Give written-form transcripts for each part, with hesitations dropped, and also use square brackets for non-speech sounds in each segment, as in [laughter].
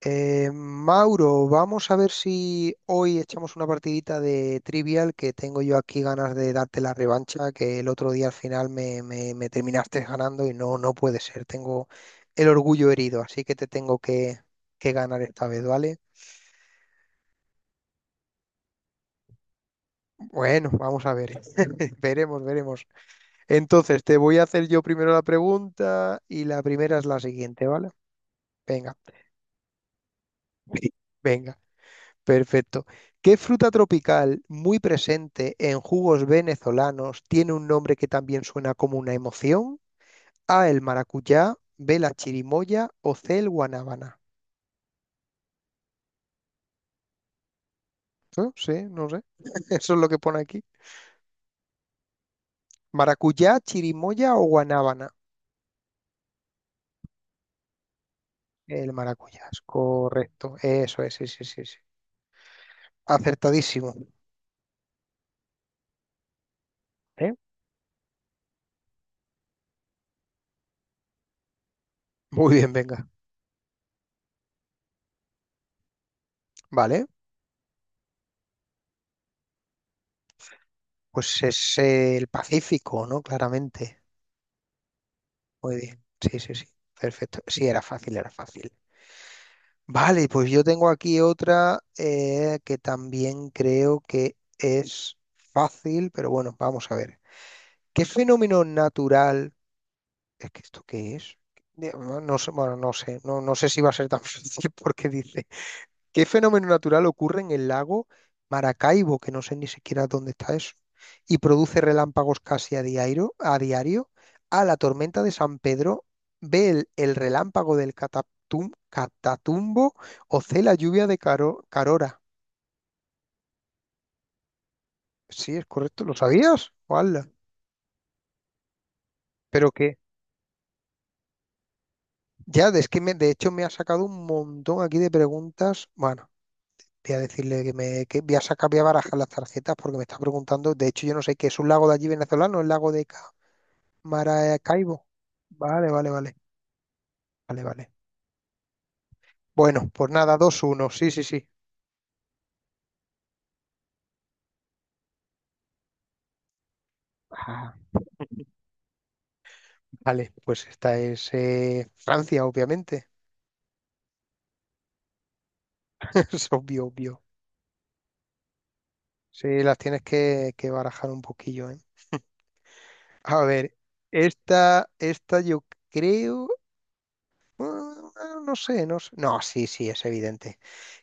Mauro, vamos a ver si hoy echamos una partidita de Trivial, que tengo yo aquí ganas de darte la revancha, que el otro día al final me terminaste ganando y no puede ser, tengo el orgullo herido, así que te tengo que ganar esta vez, ¿vale? Bueno, vamos a ver, [laughs] veremos, veremos. Entonces, te voy a hacer yo primero la pregunta y la primera es la siguiente, ¿vale? Venga, [laughs] venga. Perfecto. ¿Qué fruta tropical muy presente en jugos venezolanos tiene un nombre que también suena como una emoción? A, el maracuyá, B, la chirimoya o C, el guanábana. No sé, no sé. [laughs] Eso es lo que pone aquí. Maracuyá, chirimoya o guanábana. El maracuyá, es correcto. Eso es, sí, sí, sí, sí. Acertadísimo. ¿Eh? Muy bien, venga. Vale, pues es el Pacífico, ¿no? Claramente. Muy bien. Sí, sí, sí. Perfecto. Sí, era fácil, era fácil. Vale, pues yo tengo aquí otra que también creo que es fácil, pero bueno, vamos a ver. ¿Qué fenómeno natural? ¿Es que esto qué es? No no sé, bueno, no sé, no, no sé si va a ser tan [laughs] fácil porque dice, ¿qué fenómeno natural ocurre en el lago Maracaibo, que no sé ni siquiera dónde está eso, y produce relámpagos casi a diario? ¿A diario? A la tormenta de San Pedro, ve el relámpago del Catatumbo o C la lluvia de Carora. Sí, es correcto, ¿lo sabías? ¡Hala! Pero que ya, es que de hecho me ha sacado un montón aquí de preguntas. Bueno, voy a decirle que me que voy a sacar, voy a barajar las tarjetas porque me está preguntando. De hecho, yo no sé qué es un lago de allí venezolano, el lago de Maracaibo. Vale, vale, vale. Vale, vale. Bueno, pues nada, dos uno, sí, sí, sí. Ah, vale, pues esta es Francia, obviamente. [laughs] Es obvio, obvio. Sí, las tienes que barajar un poquillo, ¿eh? A ver, esta yo creo. No sé, no sé. No, sí, sí, es evidente.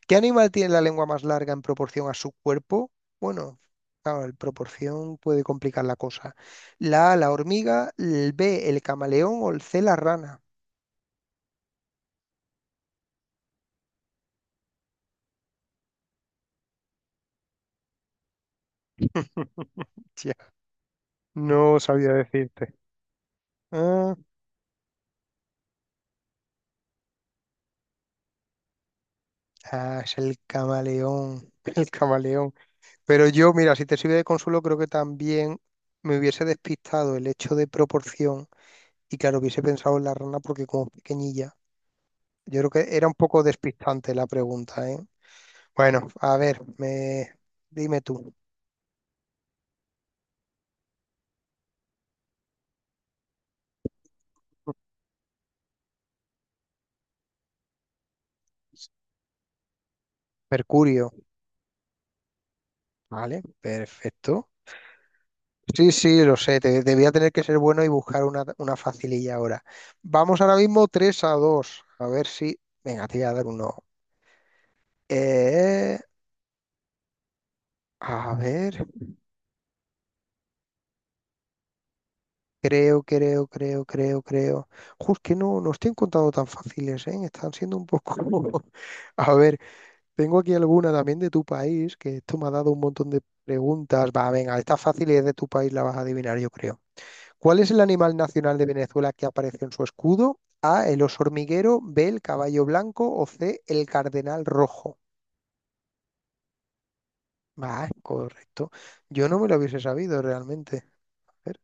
¿Qué animal tiene la lengua más larga en proporción a su cuerpo? Bueno, claro, en proporción puede complicar la cosa. La A, la hormiga, el B, el camaleón o el C, la rana. [laughs] Hostia, no sabía decirte. Ah, es el camaleón, [laughs] el camaleón. Pero yo, mira, si te sirve de consuelo, creo que también me hubiese despistado el hecho de proporción y claro, hubiese pensado en la rana porque como es pequeñilla. Yo creo que era un poco despistante la pregunta, ¿eh? Bueno, a ver, me... dime tú. Mercurio, ¿vale? Perfecto. Sí, sí, lo sé, te voy a tener que ser bueno y buscar una facililla ahora. Vamos ahora mismo 3 a dos. A ver si... Venga, te voy a dar uno. Eh, a ver, creo. Justo que no, no estoy encontrando tan fáciles, ¿eh? Están siendo un poco... [laughs] A ver, tengo aquí alguna también de tu país, que esto me ha dado un montón de preguntas. Va, venga, esta fácil es de tu país, la vas a adivinar, yo creo. ¿Cuál es el animal nacional de Venezuela que aparece en su escudo? A, el oso hormiguero, B, el caballo blanco o C, el cardenal rojo. Va, correcto. Yo no me lo hubiese sabido realmente. A ver.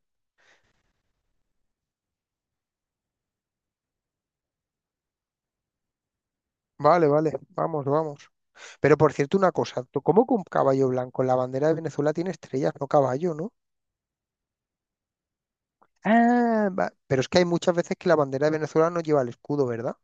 Vale, vale, vamos, vamos. Pero por cierto, una cosa, ¿tú cómo con caballo blanco? La bandera de Venezuela tiene estrellas, no caballo, ¿no? Ah, pero es que hay muchas veces que la bandera de Venezuela no lleva el escudo, ¿verdad?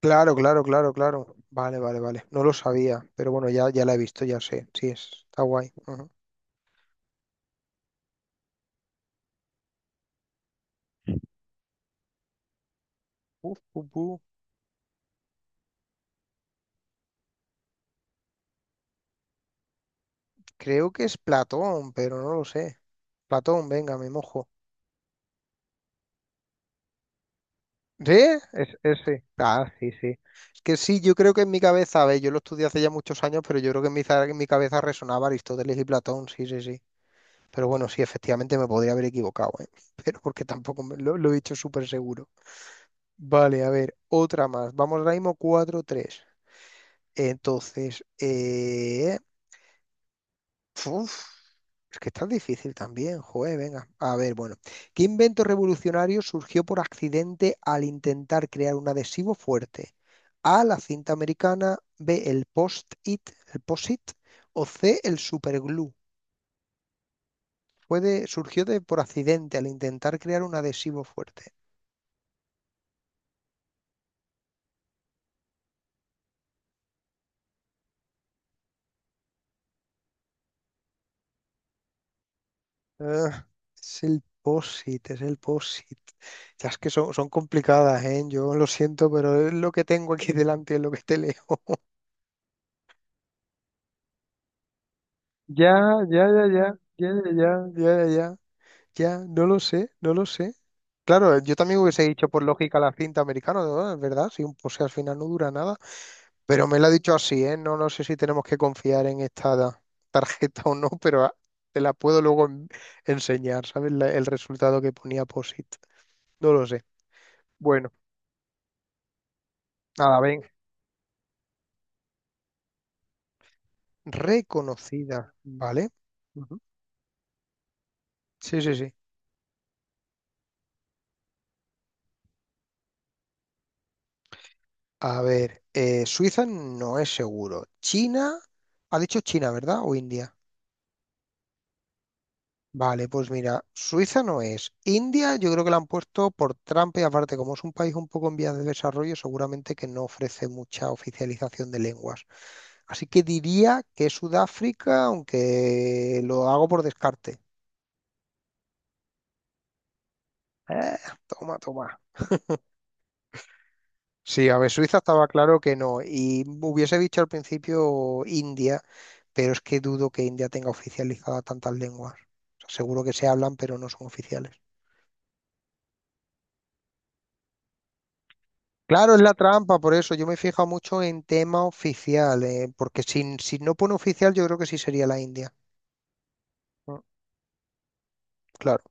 Claro, claro, claro, claro. Vale, vale, vale. No lo sabía, pero bueno, ya, ya la he visto, ya sé. Sí, está guay. Ajá. Uf, pu, pu. Creo que es Platón, pero no lo sé. Platón, venga, me mojo. ¿Sí? Es ese. Ah, sí, sí. Es que sí, yo creo que en mi cabeza, a ver, yo lo estudié hace ya muchos años, pero yo creo que en en mi cabeza resonaba Aristóteles y Platón, sí, sí, sí. Pero bueno, sí, efectivamente me podría haber equivocado, ¿eh? [laughs] Pero porque tampoco lo he dicho súper seguro. Vale, a ver, otra más. Vamos ahora mismo 4-3. Entonces, uf, es que está difícil también, joder, venga. A ver, bueno, ¿qué invento revolucionario surgió por accidente al intentar crear un adhesivo fuerte? A, la cinta americana, B, el post-it, el post-it, o C, el superglue. Surgió por accidente al intentar crear un adhesivo fuerte. Ah, es el post-it, es el post-it. Ya es que son, son complicadas, ¿eh? Yo lo siento, pero es lo que tengo aquí [laughs] delante, es lo que te leo. Ya, ya, ya, ya, ya, ya, ya, ya, ya, ya, ya, no lo sé, no lo sé. Claro, yo también hubiese dicho por lógica la cinta americana, ¿no? Es verdad, sí, pues si al final no dura nada. Pero me lo ha dicho así, ¿eh? No, no sé si tenemos que confiar en esta tarjeta o no, pero ah, te la puedo luego enseñar, ¿sabes? El resultado que ponía POSIT. No lo sé. Bueno, nada, ven, reconocida, ¿vale? Ujú. Sí, sí, sí. A ver, Suiza no es seguro. China, ha dicho China, ¿verdad? ¿O India? Vale, pues mira, Suiza no es. India yo creo que la han puesto por trampa y aparte, como es un país un poco en vías de desarrollo, seguramente que no ofrece mucha oficialización de lenguas. Así que diría que es Sudáfrica, aunque lo hago por descarte. Eh, toma, toma. Sí, a ver, Suiza estaba claro que no. Y hubiese dicho al principio India, pero es que dudo que India tenga oficializada tantas lenguas. O sea, seguro que se hablan, pero no son oficiales. Claro, es la trampa, por eso yo me he fijado mucho en tema oficial, porque si no pone oficial, yo creo que sí sería la India. Mm, claro,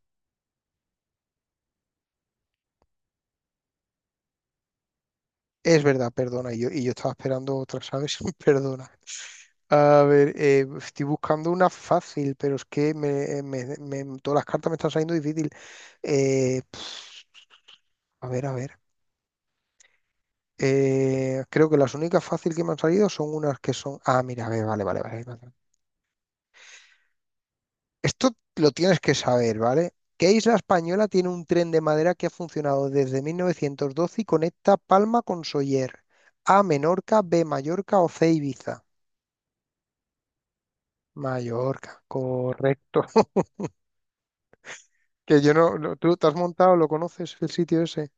es verdad, perdona, y yo estaba esperando otra, ¿sabes? [laughs] Perdona. A ver, estoy buscando una fácil, pero es que me, todas las cartas me están saliendo difícil. Eh, pf, a ver, a ver. Creo que las únicas fácil que me han salido son unas que son. Ah, mira, a ver, vale, vale, vale. Vale. Esto lo tienes que saber, ¿vale? ¿Qué isla española tiene un tren de madera que ha funcionado desde 1912 y conecta Palma con Soller? A, Menorca, B, Mallorca o C, Ibiza. Mallorca, correcto. [laughs] Que yo ¿tú te has montado? ¿Lo conoces el sitio ese?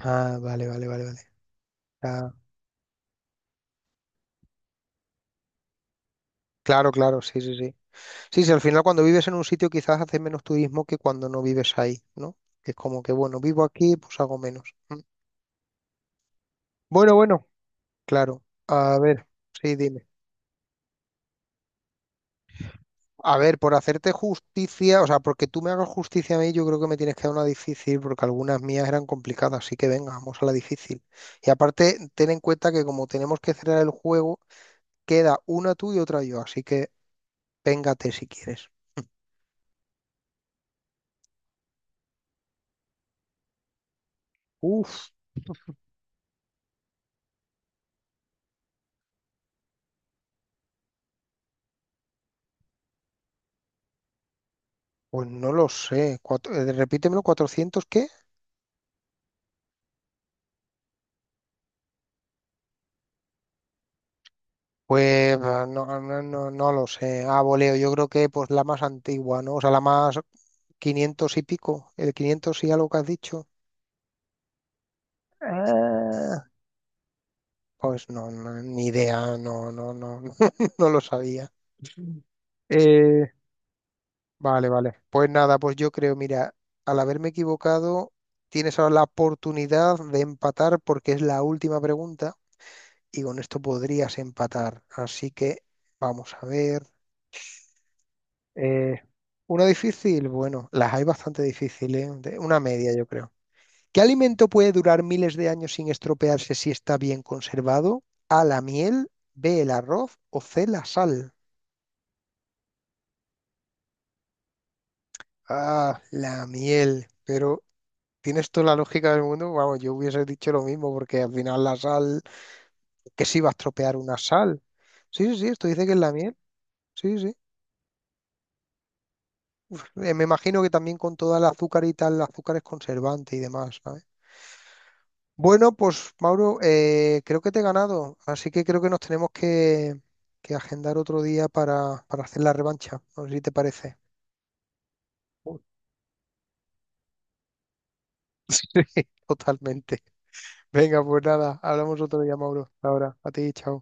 Ah, vale, vale, vale, vale. Ah, claro, claro, sí, sí, sí. Sí, sí, al final cuando vives en un sitio quizás haces menos turismo que cuando no vives ahí, ¿no? Que es como que, bueno, vivo aquí, pues hago menos. Mm. Bueno, bueno, claro. A ver, sí, dime. A ver, por hacerte justicia, o sea, porque tú me hagas justicia a mí, yo creo que me tienes que dar una difícil, porque algunas mías eran complicadas, así que venga, vamos a la difícil. Y aparte, ten en cuenta que como tenemos que cerrar el juego, queda una tú y otra yo, así que véngate si quieres. Uf, pues no lo sé. Repítemelo, ¿cuatrocientos qué? Pues no, no, no, no lo sé. A voleo, yo creo que pues la más antigua, ¿no? O sea, la más quinientos y pico, el 500 y algo que has dicho. Ah, Pues no, no, ni idea, no, no, no, [laughs] no lo sabía. Eh, vale, vale. Pues nada, pues yo creo, mira, al haberme equivocado, tienes ahora la oportunidad de empatar porque es la última pregunta y con esto podrías empatar. Así que vamos a ver. Eh, una difícil, bueno, las hay bastante difíciles, ¿eh? Una media, yo creo. ¿Qué alimento puede durar miles de años sin estropearse si está bien conservado? A, la miel, B, el arroz o C, la sal. Ah, la miel. Pero tienes toda la lógica del mundo. Vamos, yo hubiese dicho lo mismo porque al final la sal, ¿que se iba a estropear una sal? Sí, sí, sí, esto dice que es la miel. Sí, sí. Me imagino que también con toda la azúcar y tal, el azúcar es conservante y demás, ¿sabes? Bueno, pues Mauro, creo que te he ganado, así que creo que nos tenemos que agendar otro día para hacer la revancha. No sé si te parece. [laughs] Uy. Totalmente. Venga, pues nada, hablamos otro día, Mauro. Ahora, a ti, chao.